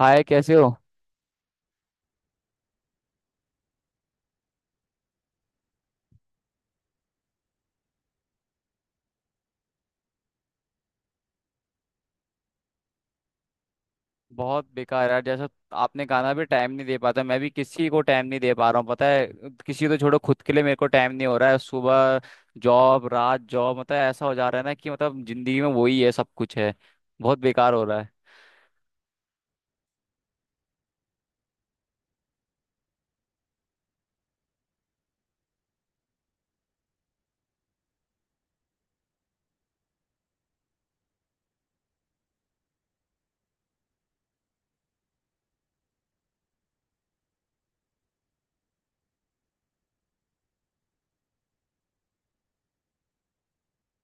हाय, कैसे हो? बहुत बेकार यार जैसा। आपने गाना भी टाइम नहीं दे पाता, मैं भी किसी को टाइम नहीं दे पा रहा हूँ पता है। किसी को तो छोड़ो, खुद के लिए मेरे को टाइम नहीं हो रहा है। सुबह जॉब, रात जॉब, मतलब ऐसा हो जा रहा है ना कि मतलब जिंदगी में वही है, सब कुछ है। बहुत बेकार हो रहा है।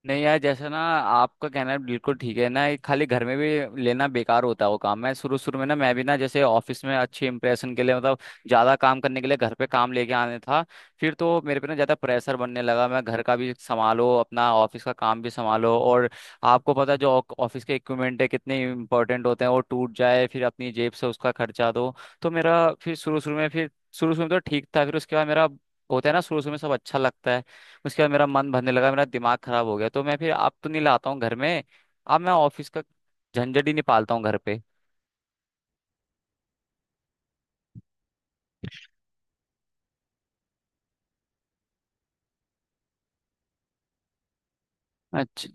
नहीं यार, जैसे ना आपका कहना बिल्कुल ठीक है ना, ये खाली घर में भी लेना बेकार होता है वो काम। मैं शुरू शुरू में ना, मैं भी ना जैसे ऑफिस में अच्छे इंप्रेशन के लिए, मतलब ज्यादा काम करने के लिए घर पे काम लेके आने था। फिर तो मेरे पे ना ज्यादा प्रेशर बनने लगा, मैं घर का भी संभालो, अपना ऑफिस का काम भी संभालो, और आपको पता है जो ऑफिस के इक्विपमेंट है कितने इंपॉर्टेंट होते हैं, वो टूट जाए फिर अपनी जेब से उसका खर्चा दो। तो मेरा फिर शुरू शुरू में तो ठीक था, फिर उसके बाद मेरा, होता है ना शुरू शुरू में सब अच्छा लगता है, उसके बाद मेरा मन भरने लगा, मेरा दिमाग खराब हो गया। तो मैं फिर अब तो नहीं लाता हूँ घर में, अब मैं ऑफिस का झंझट ही नहीं पालता हूँ घर पे। अच्छा।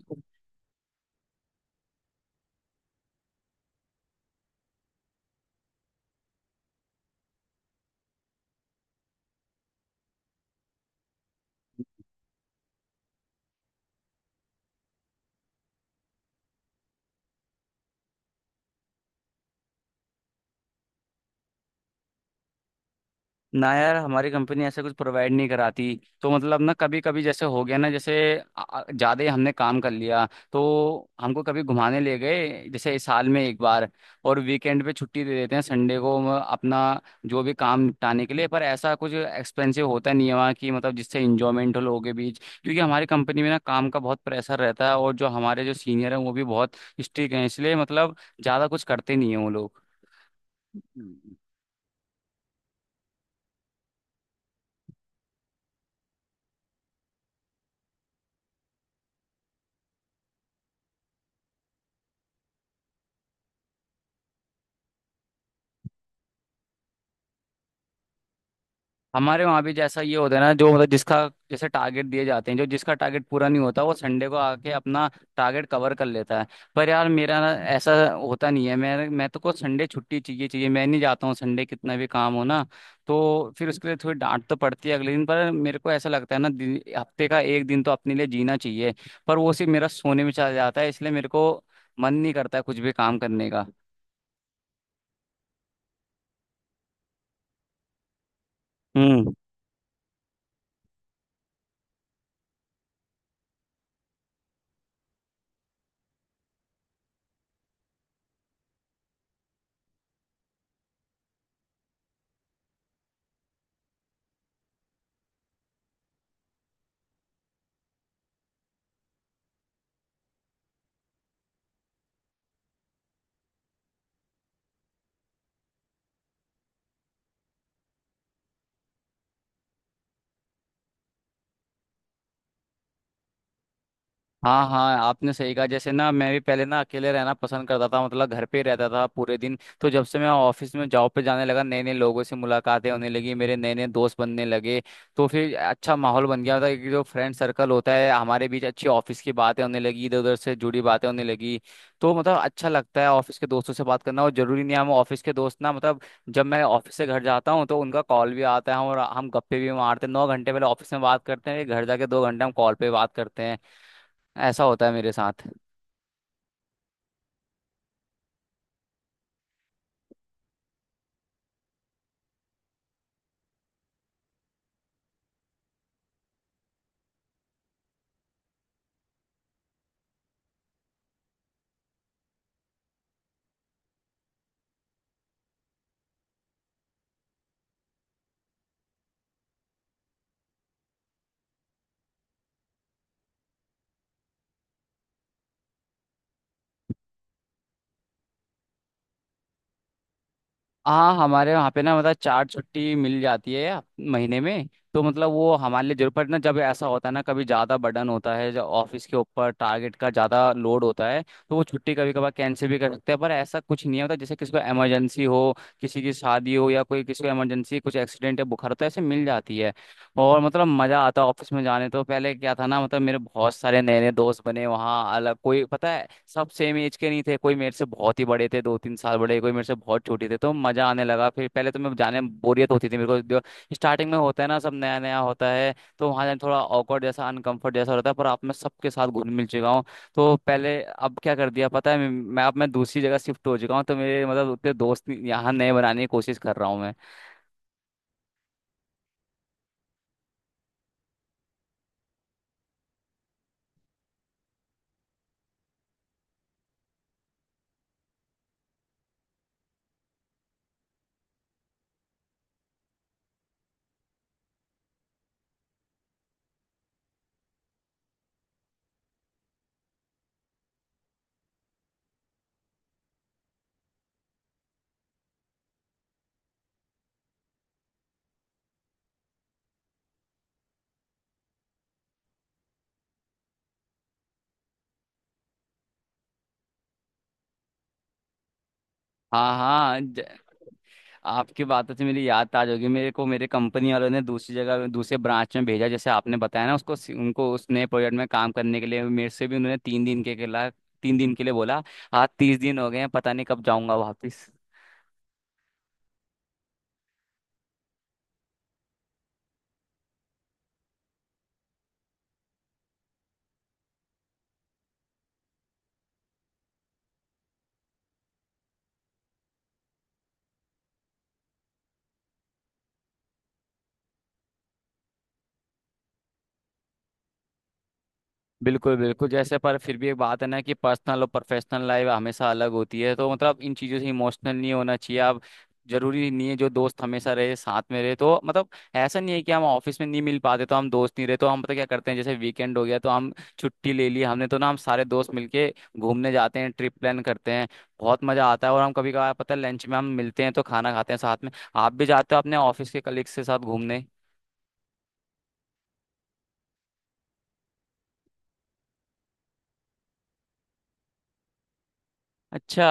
ना यार, हमारी कंपनी ऐसा कुछ प्रोवाइड नहीं कराती। तो मतलब ना, कभी कभी जैसे हो गया ना, जैसे ज़्यादा ही हमने काम कर लिया, तो हमको कभी घुमाने ले गए, जैसे इस साल में एक बार। और वीकेंड पे छुट्टी दे देते हैं, संडे को हम अपना जो भी काम निपटाने के लिए, पर ऐसा कुछ एक्सपेंसिव होता नहीं है वहाँ की, मतलब जिससे इंजॉयमेंट हो लोगों के बीच, क्योंकि हमारी कंपनी में ना काम का बहुत प्रेशर रहता है, और जो हमारे जो सीनियर हैं वो भी बहुत स्ट्रिक्ट हैं, इसलिए मतलब ज़्यादा कुछ करते नहीं हैं वो लोग। हमारे वहाँ भी जैसा ये होता है ना, जो मतलब जिसका, जैसे टारगेट दिए जाते हैं, जो जिसका टारगेट पूरा नहीं होता वो संडे को आके अपना टारगेट कवर कर लेता है। पर यार मेरा ना ऐसा होता नहीं है, मैं तो को संडे छुट्टी चाहिए चाहिए, मैं नहीं जाता हूँ संडे, कितना भी काम हो ना। तो फिर उसके लिए थोड़ी डांट तो पड़ती है अगले दिन, पर मेरे को ऐसा लगता है ना हफ्ते का एक दिन तो अपने लिए जीना चाहिए। पर वो सिर्फ मेरा सोने में चला जाता है, इसलिए मेरे को मन नहीं करता है कुछ भी काम करने का। हम्म। हाँ हाँ, आपने सही कहा। जैसे ना, मैं भी पहले ना अकेले रहना पसंद करता था, मतलब घर पे ही रहता था पूरे दिन। तो जब से मैं ऑफिस में जॉब पे जाने लगा, नए नए लोगों से मुलाकातें होने लगी, मेरे नए नए दोस्त बनने लगे, तो फिर अच्छा माहौल बन गया था कि जो फ्रेंड सर्कल होता है हमारे बीच, अच्छी ऑफिस की बातें होने लगी, इधर उधर से जुड़ी बातें होने लगी। तो मतलब अच्छा लगता है ऑफिस के दोस्तों से बात करना, और जरूरी नहीं है हम ऑफिस के दोस्त ना, मतलब जब मैं ऑफिस से घर जाता हूँ तो उनका कॉल भी आता है, और हम गप्पे भी मारते हैं। 9 घंटे पहले ऑफिस में बात करते हैं, फिर घर जाके 2 घंटे हम कॉल पे बात करते हैं, ऐसा होता है मेरे साथ। हाँ, हमारे वहाँ पे ना मतलब 4 छुट्टी मिल जाती है महीने में। तो मतलब वो हमारे लिए, जरूरत पड़े ना, जब ऐसा होता है ना कभी ज़्यादा बर्डन होता है, जब ऑफिस के ऊपर टारगेट का ज़्यादा लोड होता है, तो वो छुट्टी कभी कभार कैंसिल भी कर सकते हैं। पर ऐसा कुछ नहीं होता, जैसे किसी को इमरजेंसी हो, किसी की शादी हो, या कोई किसी को इमरजेंसी, कुछ एक्सीडेंट या बुखार हो, तो ऐसे मिल जाती है। और मतलब मजा आता ऑफिस में जाने, तो पहले क्या था ना, मतलब मेरे बहुत सारे नए नए दोस्त बने वहाँ अलग, कोई पता है सब सेम एज के नहीं थे, कोई मेरे से बहुत ही बड़े थे, 2 3 साल बड़े, कोई मेरे से बहुत छोटे थे। तो मजा आने लगा फिर, पहले तो मैं जाने में बोरियत होती थी मेरे को, स्टार्टिंग में होता है ना, सब नया नया होता है, तो वहाँ जाने थोड़ा awkward जैसा, अनकंफर्ट जैसा रहता है। पर आप, मैं सबके साथ घुल मिल चुका हूँ, तो पहले अब क्या कर दिया पता है, मैं अब मैं दूसरी जगह शिफ्ट हो चुका हूँ, तो मेरे मतलब उतने दोस्त यहाँ, नए बनाने की कोशिश कर रहा हूँ मैं। हाँ हाँ, आपकी बातों से मेरी याद ताज होगी। मेरे को मेरे कंपनी वालों ने दूसरी जगह दूसरे ब्रांच में भेजा, जैसे आपने बताया ना, उसको उनको उस नए प्रोजेक्ट में काम करने के लिए। मेरे से भी उन्होंने 3 दिन के लिए बोला, आज 30 दिन हो गए हैं, पता नहीं कब जाऊंगा वापिस। बिल्कुल बिल्कुल, जैसे पर फिर भी एक बात है ना कि पर्सनल और प्रोफेशनल लाइफ हमेशा अलग होती है, तो मतलब इन चीज़ों से इमोशनल नहीं होना चाहिए आप। जरूरी नहीं है जो दोस्त हमेशा रहे साथ में रहे, तो मतलब ऐसा नहीं है कि हम ऑफिस में नहीं मिल पाते तो हम दोस्त नहीं रहे। तो हम पता क्या करते हैं, जैसे वीकेंड हो गया तो हम छुट्टी ले ली हमने, तो ना हम सारे दोस्त मिलके घूमने जाते हैं, ट्रिप प्लान करते हैं, बहुत मजा आता है। और हम कभी कभार पता है लंच में हम मिलते हैं तो खाना खाते हैं साथ में। आप भी जाते हो अपने ऑफिस के कलीग्स के साथ घूमने? अच्छा।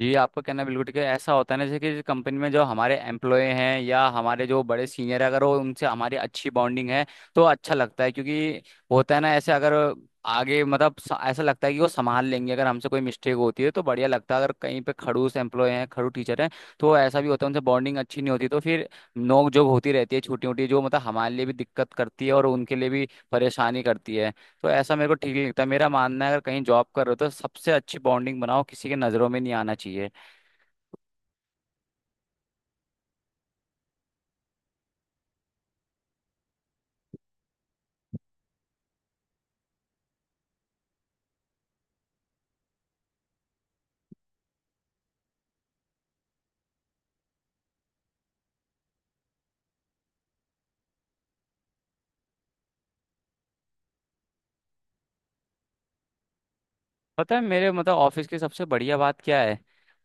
जी, आपका कहना बिल्कुल ठीक है। ऐसा होता है ना, जैसे कि कंपनी में जो हमारे एम्प्लॉय हैं या हमारे जो बड़े सीनियर है, अगर वो उनसे हमारी अच्छी बॉन्डिंग है तो अच्छा लगता है, क्योंकि होता है ना ऐसे, अगर आगे मतलब ऐसा लगता है कि वो संभाल लेंगे अगर हमसे कोई मिस्टेक होती है, तो बढ़िया लगता है। अगर कहीं पे खड़ूस एम्प्लॉय हैं, खड़ूस टीचर हैं, तो ऐसा भी होता है, उनसे बॉन्डिंग अच्छी नहीं होती, तो फिर नोक झोंक होती रहती है छोटी मोटी, जो मतलब हमारे लिए भी दिक्कत करती है और उनके लिए भी परेशानी करती है। तो ऐसा मेरे को ठीक नहीं लगता, मेरा मानना है अगर कहीं जॉब कर रहे हो तो सबसे अच्छी बॉन्डिंग बनाओ, किसी के नज़रों में नहीं आना चाहिए। पता है मेरे, मतलब ऑफिस की सबसे बढ़िया बात क्या है,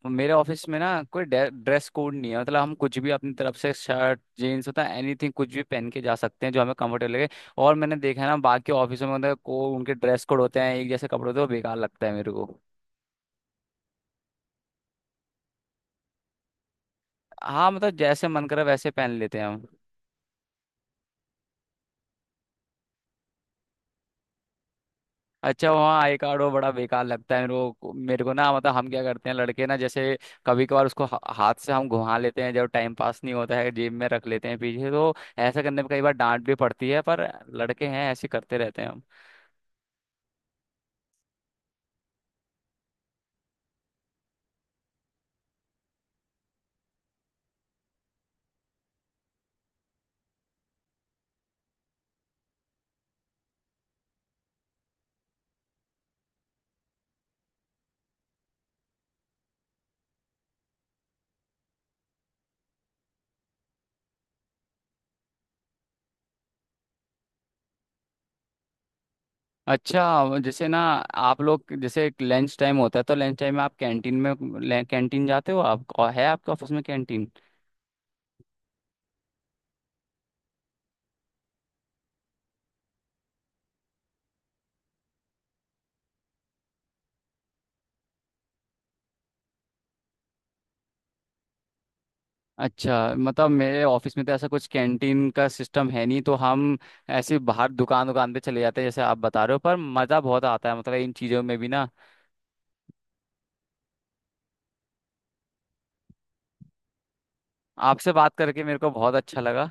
मेरे ऑफिस में ना कोई ड्रेस कोड नहीं है, मतलब हम कुछ भी अपनी तरफ से, शर्ट जीन्स होता है, एनीथिंग, कुछ भी पहन के जा सकते हैं जो हमें कंफर्टेबल लगे। और मैंने देखा है ना बाकी ऑफिसों में, मतलब को उनके ड्रेस कोड होते हैं, एक जैसे कपड़े होते हैं, वो बेकार लगता है मेरे को। हाँ, मतलब जैसे मन करे वैसे पहन लेते हैं हम। अच्छा, वहाँ आई कार्ड, वो बड़ा बेकार लगता है मेरे को। मेरे को ना मतलब हम क्या करते हैं, लड़के ना जैसे, कभी कभार उसको हाथ से हम घुमा लेते हैं जब टाइम पास नहीं होता है, जेब में रख लेते हैं पीछे। तो ऐसा करने पे कई बार डांट भी पड़ती है, पर लड़के हैं, ऐसे करते रहते हैं हम। अच्छा, जैसे ना आप लोग, जैसे लंच टाइम होता है तो लंच टाइम में आप कैंटीन जाते हो आप, और है आपके ऑफिस में कैंटीन? अच्छा, मतलब मेरे ऑफिस में तो ऐसा कुछ कैंटीन का सिस्टम है नहीं, तो हम ऐसे बाहर दुकान दुकान पे चले जाते हैं जैसे आप बता रहे हो, पर मज़ा बहुत आता है मतलब इन चीज़ों में भी ना। आपसे बात करके मेरे को बहुत अच्छा लगा।